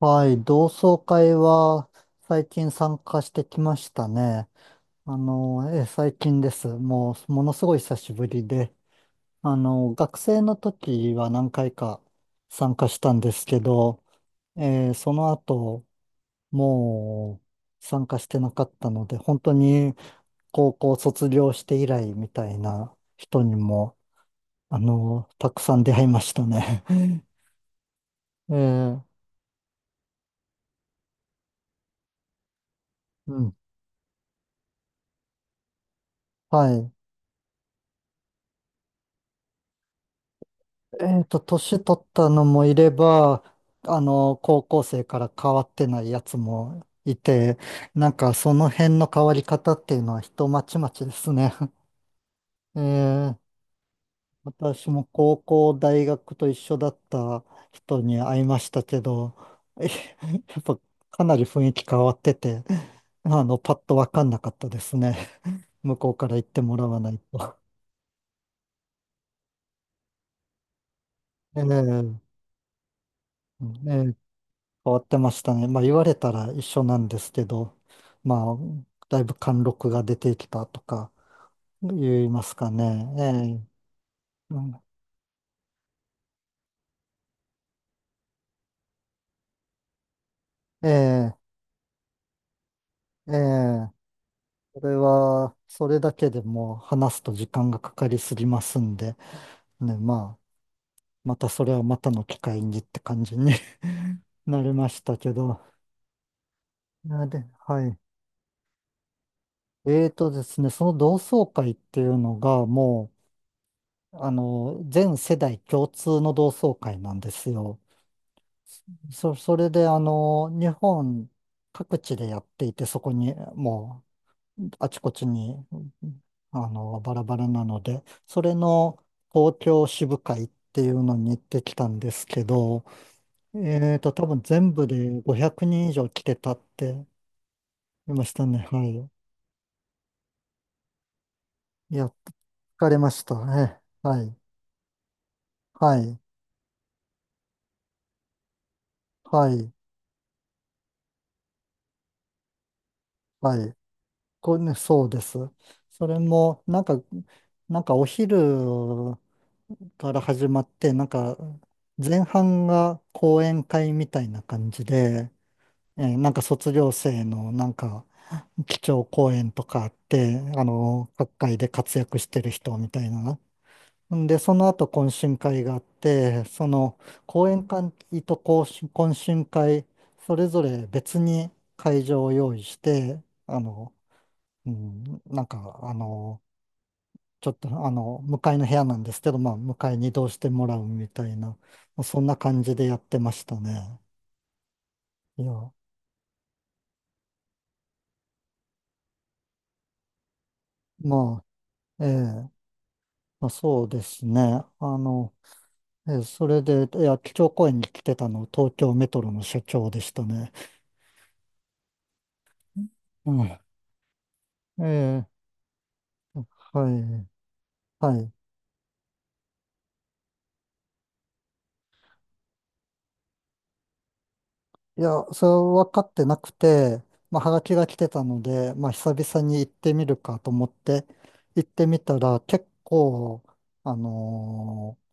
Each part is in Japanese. はい、同窓会は最近参加してきましたね。最近です。もう、ものすごい久しぶりで、あの、学生の時は何回か参加したんですけど、その後、もう参加してなかったので、本当に高校卒業して以来みたいな人にも、あの、たくさん出会いましたね。えーうん、はい。えっと、年取ったのもいれば、あの、高校生から変わってないやつもいて、なんかその辺の変わり方っていうのは人まちまちですね。えー私も高校、大学と一緒だった人に会いましたけど、やっぱかなり雰囲気変わってて、あの、パッとわかんなかったですね。向こうから言ってもらわないと。ええええ、変わってましたね。まあ言われたら一緒なんですけど、まあ、だいぶ貫禄が出てきたとか言いますかね。ええ、うんええ、ええ、それだけでもう話すと時間がかかりすぎますんで、ね、まあ、またそれはまたの機会にって感じに なりましたけど。はい。えーとですね、その同窓会っていうのがもう、あの、全世代共通の同窓会なんですよ。それであの、日本各地でやっていて、そこにもうあちこちにあの、バラバラなので、それの東京支部会っていうのに行ってきたんですけど、えーと、多分全部で500人以上来てたって言いましたね。はい。いや、疲れましたね。はい。はい。はい。はい。これね、そうです。それも、なんかお昼から始まって、なんか、前半が講演会みたいな感じで、なんか卒業生のなんか、基調講演とかあって、あの、各界で活躍してる人みたいな。んで、その後懇親会があって、その講演会と懇親会、それぞれ別に会場を用意して、あの、うん、なんか、あの、ちょっとあの、向かいの部屋なんですけど、まあ、向かいに移動してもらうみたいな、まあそんな感じでやってましたね。いや、まあ、ええ、まあ、そうですね。あの、ええ、それで、いや、基調講演に来てたの、東京メトロの社長でしたね。うん。ええ、はい、はい。いや、それは分かってなくて、まあ、はがきが来てたので、まあ、久々に行ってみるかと思って、行ってみたら、結構、あのー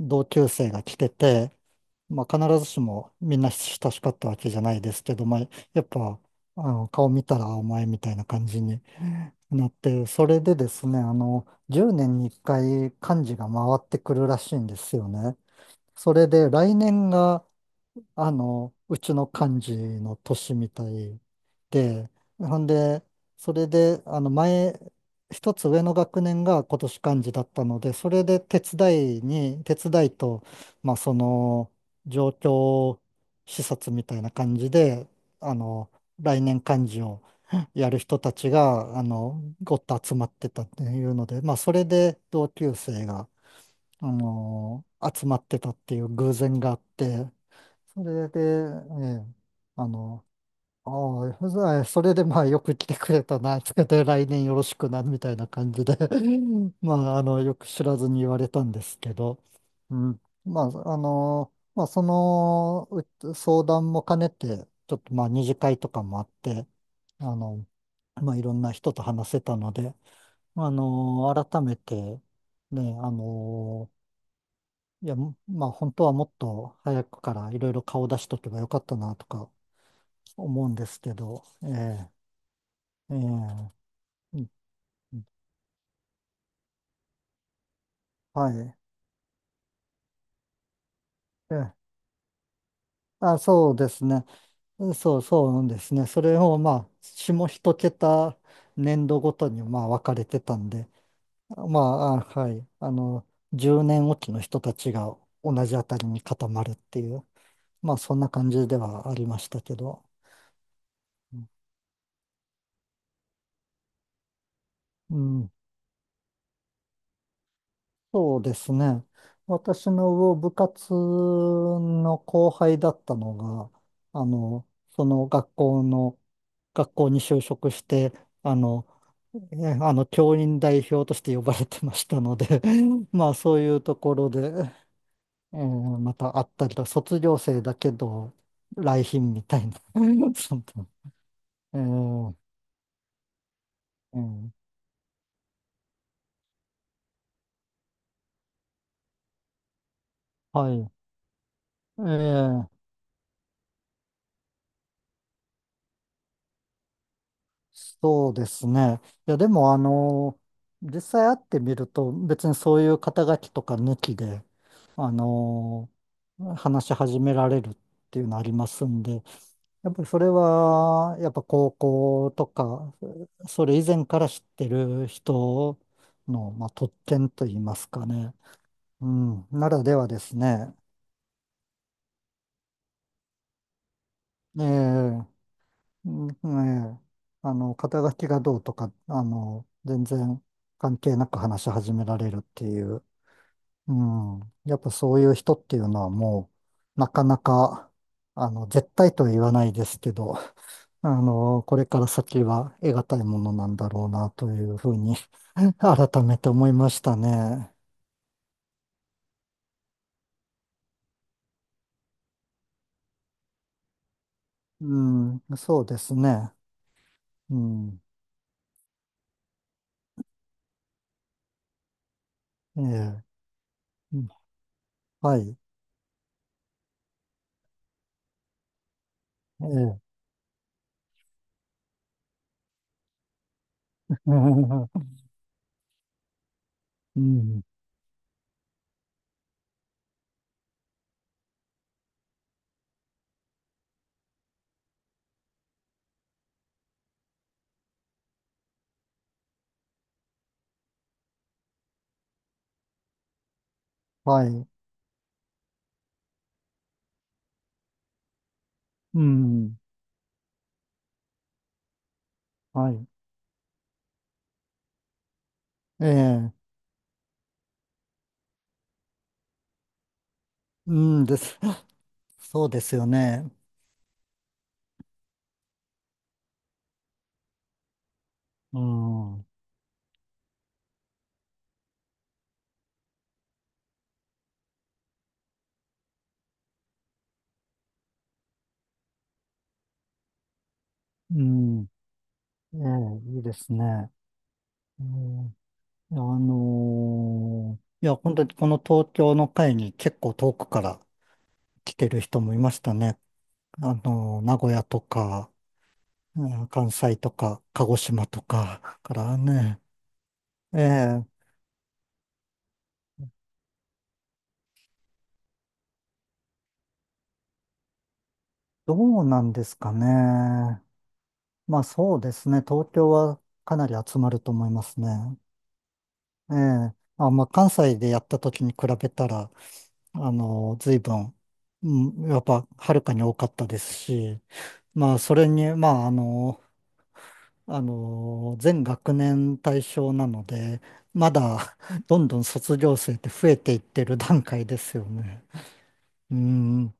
同級生が来てて、まあ、必ずしもみんな親しかったわけじゃないですけど、まあ、やっぱ、あの、顔見たらお前みたいな感じになって、それでですね、あの、10年に1回幹事が回ってくるらしいんですよね。それで来年があの、うちの幹事の年みたいで、ほんで、それで、あの、前、一つ上の学年が今年幹事だったので、それで手伝いに、手伝いと、まあ、その、状況視察みたいな感じで、あの、来年幹事をやる人たちが、あの、ごっと集まってたっていうので、まあ、それで同級生が、あの、集まってたっていう偶然があって、それで、ええ、あの、ああ、それでまあよく来てくれたな、つけて来年よろしくな、みたいな感じで まあ、あの、よく知らずに言われたんですけど、うん。まあ、あの、まあ、そのう相談も兼ねて、ちょっとまあ、二次会とかもあって、あの、まあ、いろんな人と話せたので、あの、改めて、ね、あの、いや、まあ、本当はもっと早くからいろいろ顔出しとけばよかったな、とか思うんですけど、ええええうんうんはい。ええあ、そうですね。うそうそうなんですね。それをまあ、下一桁年度ごとにまあ分かれてたんで、まあ、あはい。あの、10年おきの人たちが同じあたりに固まるっていう、まあ、そんな感じではありましたけど。うんそうですね。私の部活の後輩だったのが、あの、その学校の、学校に就職して、あの、あの、教員代表として呼ばれてましたので、まあそういうところで、えーまた会ったりと、卒業生だけど、来賓みたいな、そんなえーえーはい。ええそうですね。いや、でも、あの、実際会ってみると、別にそういう肩書きとか抜きで、あの、話し始められるっていうのありますんで、やっぱりそれは、やっぱ高校とか、それ以前から知ってる人の、まあ、特権といいますかね。うん、ならではですね。ええうんええ、あの、肩書きがどうとか、あの、全然関係なく話し始められるっていう、うん、やっぱそういう人っていうのはもう、なかなか、あの、絶対とは言わないですけど、あの、これから先は得難いものなんだろうなというふうに 改めて思いましたね。うん、そうですね。うん、ええ、うんはい、ええ、うん、はい、うん、はい。ええ、うんです。そうですよね。うん、うん、ええ、いいですね。うん、いや、本当にこの東京の会に結構遠くから来てる人もいましたね。あのー名古屋とか、うん関西とか、鹿児島とかからね。ええ、どうなんですかね。まあそうですね。東京はかなり集まると思いますね。ええ、あ、まあ、関西でやった時に比べたら、あの、随分、うん、やっぱ、はるかに多かったですし、まあ、それに、まあ、あの、全学年対象なので、まだ、どんどん卒業生って増えていってる段階ですよね。うん、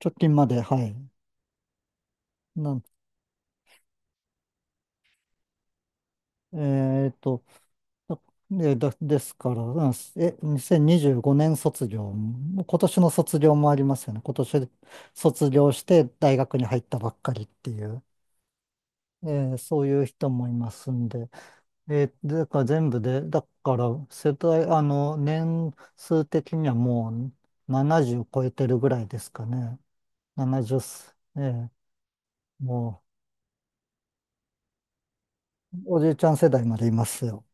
直近まで、はい。なん、えっと、あですから、うんえ、2025年卒業、今年の卒業もありますよね。今年卒業して大学に入ったばっかりっていう、えそういう人もいますんで、えーだから全部で、だから世代、あの、年数的にはもう70超えてるぐらいですかね。70す、えーもうおじいちゃん世代までいますよ。